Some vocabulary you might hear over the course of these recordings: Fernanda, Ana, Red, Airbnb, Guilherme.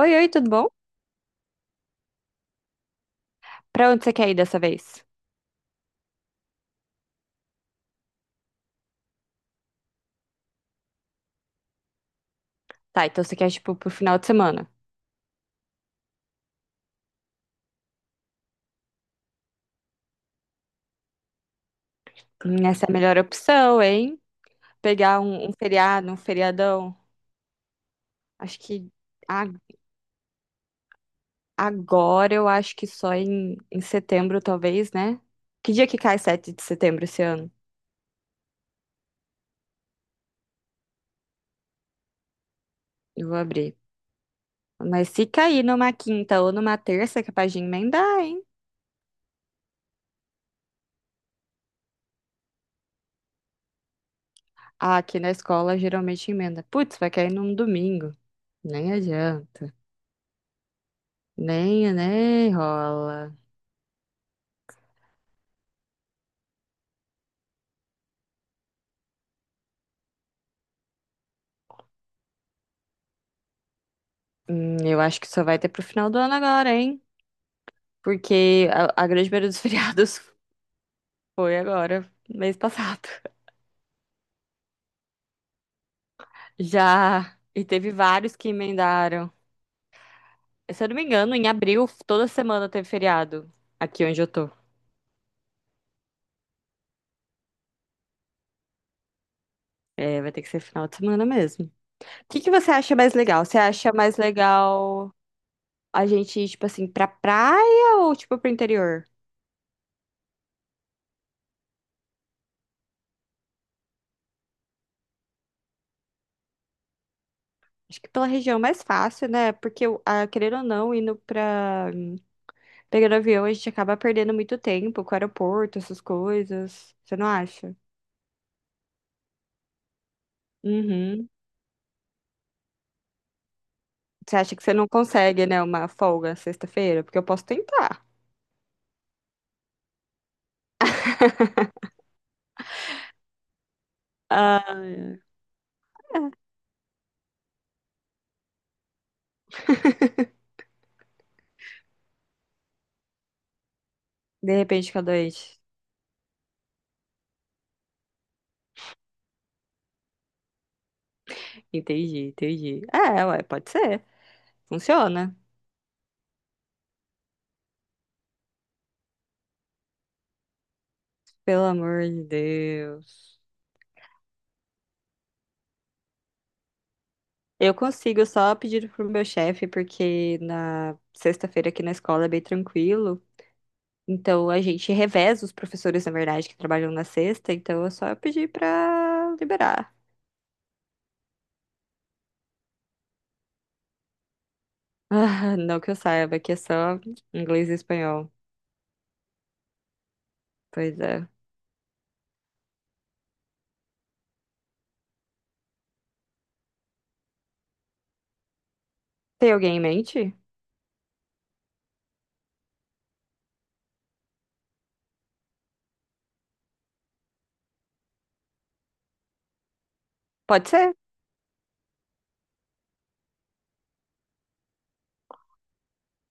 Oi, oi, tudo bom? Pra onde você quer ir dessa vez? Tá, então você quer, tipo, pro final de semana. Essa é a melhor opção, hein? Pegar um feriado, um feriadão. Acho que a- agora eu acho que só em, em setembro, talvez, né? Que dia que cai 7 de setembro esse ano? Eu vou abrir. Mas se cair numa quinta ou numa terça, é capaz de emendar, hein? Ah, aqui na escola geralmente emenda. Putz, vai cair num domingo. Nem adianta. Nem rola. Eu acho que só vai ter pro final do ano agora, hein? Porque a grande maioria dos feriados foi agora, mês passado. Já. E teve vários que emendaram. Se eu não me engano, em abril, toda semana teve feriado aqui onde eu tô. É, vai ter que ser final de semana mesmo. O que que você acha mais legal? Você acha mais legal a gente ir, tipo assim, pra praia ou, tipo, pro interior? Acho que pela região é mais fácil, né? Porque, ah, querendo ou não, indo pra pegando avião, a gente acaba perdendo muito tempo com o aeroporto, essas coisas. Você não acha? Uhum. Você acha que você não consegue, né, uma folga sexta-feira? Porque eu posso tentar. Ah, de repente fica doente. Entendi, entendi. É, ué, pode ser. Funciona. Pelo amor de Deus. Eu consigo só pedir pro meu chefe, porque na sexta-feira aqui na escola é bem tranquilo. Então a gente reveza os professores, na verdade, que trabalham na sexta. Então é só eu pedir pra liberar. Ah, não que eu saiba, que é só inglês e espanhol. Pois é. Tem alguém em mente? Pode ser.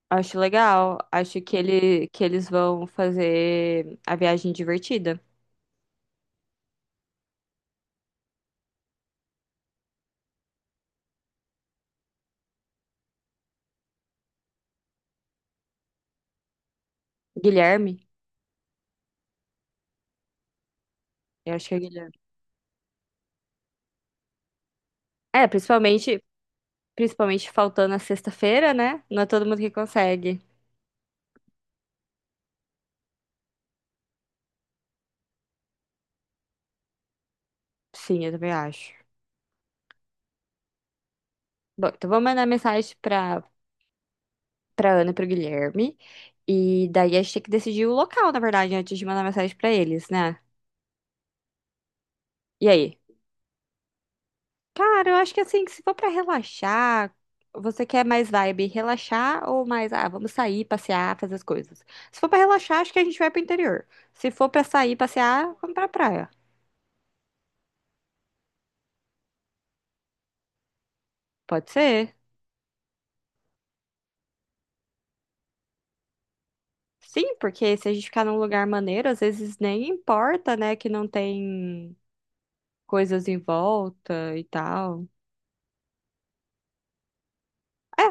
Acho legal. Acho que ele que eles vão fazer a viagem divertida. Guilherme, eu acho que é Guilherme. É, principalmente, principalmente faltando a sexta-feira, né? Não é todo mundo que consegue. Sim, eu também acho. Bom, então vou mandar mensagem pra para Ana e pro Guilherme e daí a gente tem que decidir o local, na verdade, antes de mandar mensagem pra eles, né? E aí? Cara, eu acho que assim, que se for pra relaxar, você quer mais vibe relaxar ou mais, ah, vamos sair, passear, fazer as coisas. Se for pra relaxar, acho que a gente vai pro interior. Se for pra sair, passear, vamos pra praia. Pode ser? Sim, porque se a gente ficar num lugar maneiro, às vezes nem importa, né, que não tem coisas em volta e tal. É,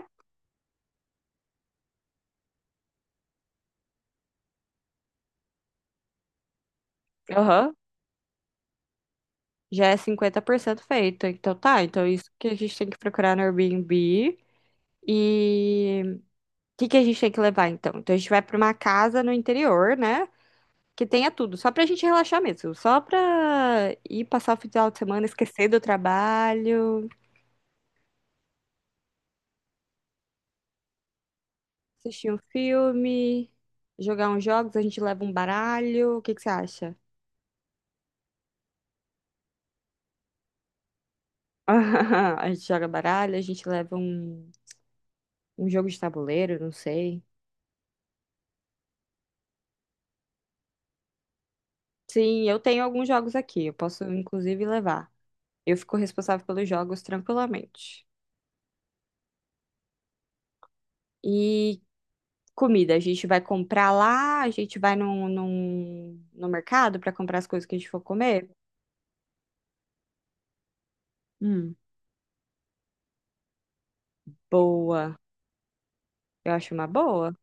aham. Já é 50% feito. Então tá, então isso que a gente tem que procurar no Airbnb. E que a gente tem que levar então? Então a gente vai pra uma casa no interior, né? Que tenha tudo, só pra gente relaxar mesmo, só pra ir passar o final de semana, esquecer do trabalho, assistir um filme, jogar uns jogos, a gente leva um baralho, o que que você acha? A gente joga baralho, a gente leva um jogo de tabuleiro, não sei. Sim, eu tenho alguns jogos aqui, eu posso inclusive levar. Eu fico responsável pelos jogos tranquilamente. E comida. A gente vai comprar lá, a gente vai no mercado para comprar as coisas que a gente for comer. Hum. Boa. Eu acho uma boa.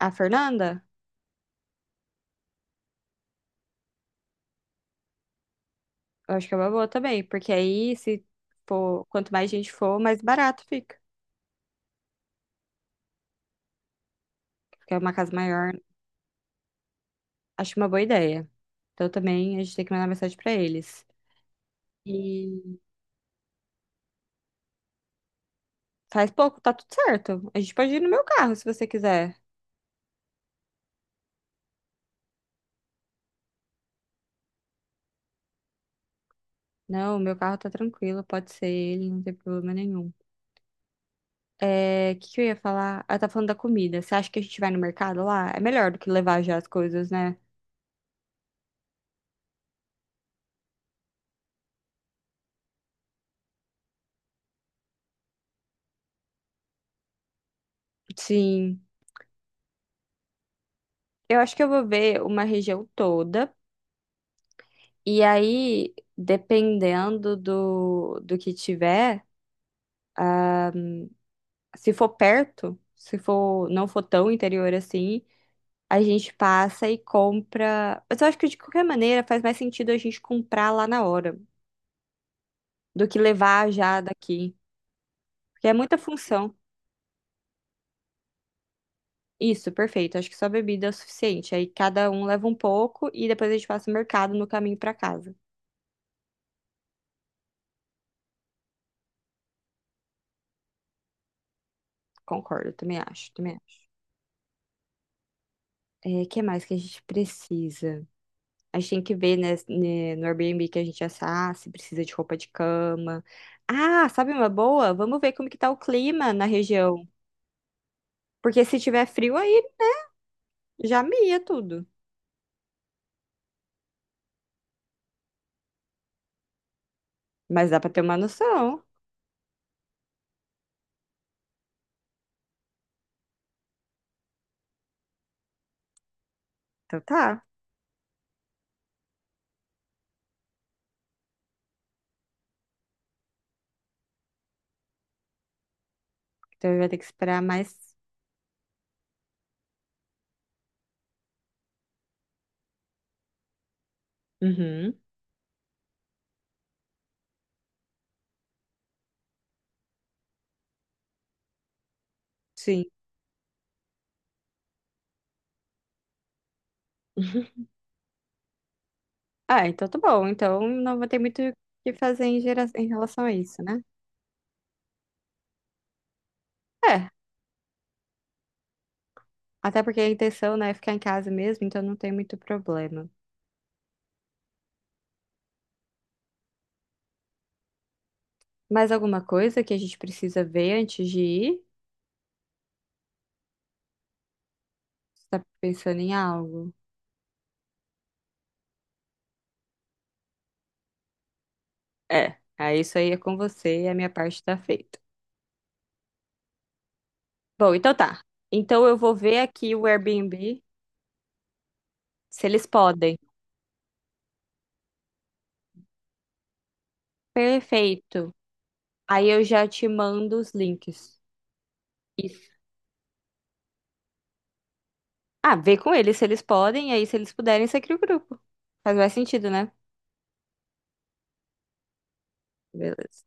A Fernanda, eu acho que é uma boa também, porque aí se for, quanto mais gente for, mais barato fica. Porque é uma casa maior, acho uma boa ideia. Então também a gente tem que mandar mensagem para eles. E faz pouco, tá tudo certo. A gente pode ir no meu carro se você quiser. Não, o meu carro tá tranquilo, pode ser ele, não tem problema nenhum. É, o que que eu ia falar? Ah, tá falando da comida. Você acha que a gente vai no mercado lá? É melhor do que levar já as coisas, né? Sim. Eu acho que eu vou ver uma região toda. E aí, dependendo do que tiver, se for perto, se for, não for tão interior assim, a gente passa e compra. Mas eu acho que de qualquer maneira faz mais sentido a gente comprar lá na hora do que levar já daqui. Porque é muita função. Isso, perfeito. Acho que só bebida é o suficiente. Aí cada um leva um pouco e depois a gente passa o mercado no caminho pra casa. Concordo, também acho, também acho. É, que mais que a gente precisa? A gente tem que ver, no Airbnb que a gente assar, se precisa de roupa de cama. Ah, sabe uma boa? Vamos ver como que tá o clima na região. Porque se tiver frio aí, já mia tudo. Mas dá pra ter uma noção. Então tá. Então vai ter que esperar mais. Uhum, sim. Ah, então tá bom. Então não vai ter muito o que fazer em, em relação a isso, né? É, até porque a intenção, né, é ficar em casa mesmo, então não tem muito problema. Mais alguma coisa que a gente precisa ver antes de ir? Você tá pensando em algo? É, aí isso aí é com você e a minha parte tá feita. Bom, então tá. Então eu vou ver aqui o Airbnb, se eles podem. Perfeito. Aí eu já te mando os links. Isso. Ah, vê com eles se eles podem, e aí se eles puderem, você cria o grupo. Faz mais sentido, né? Beleza.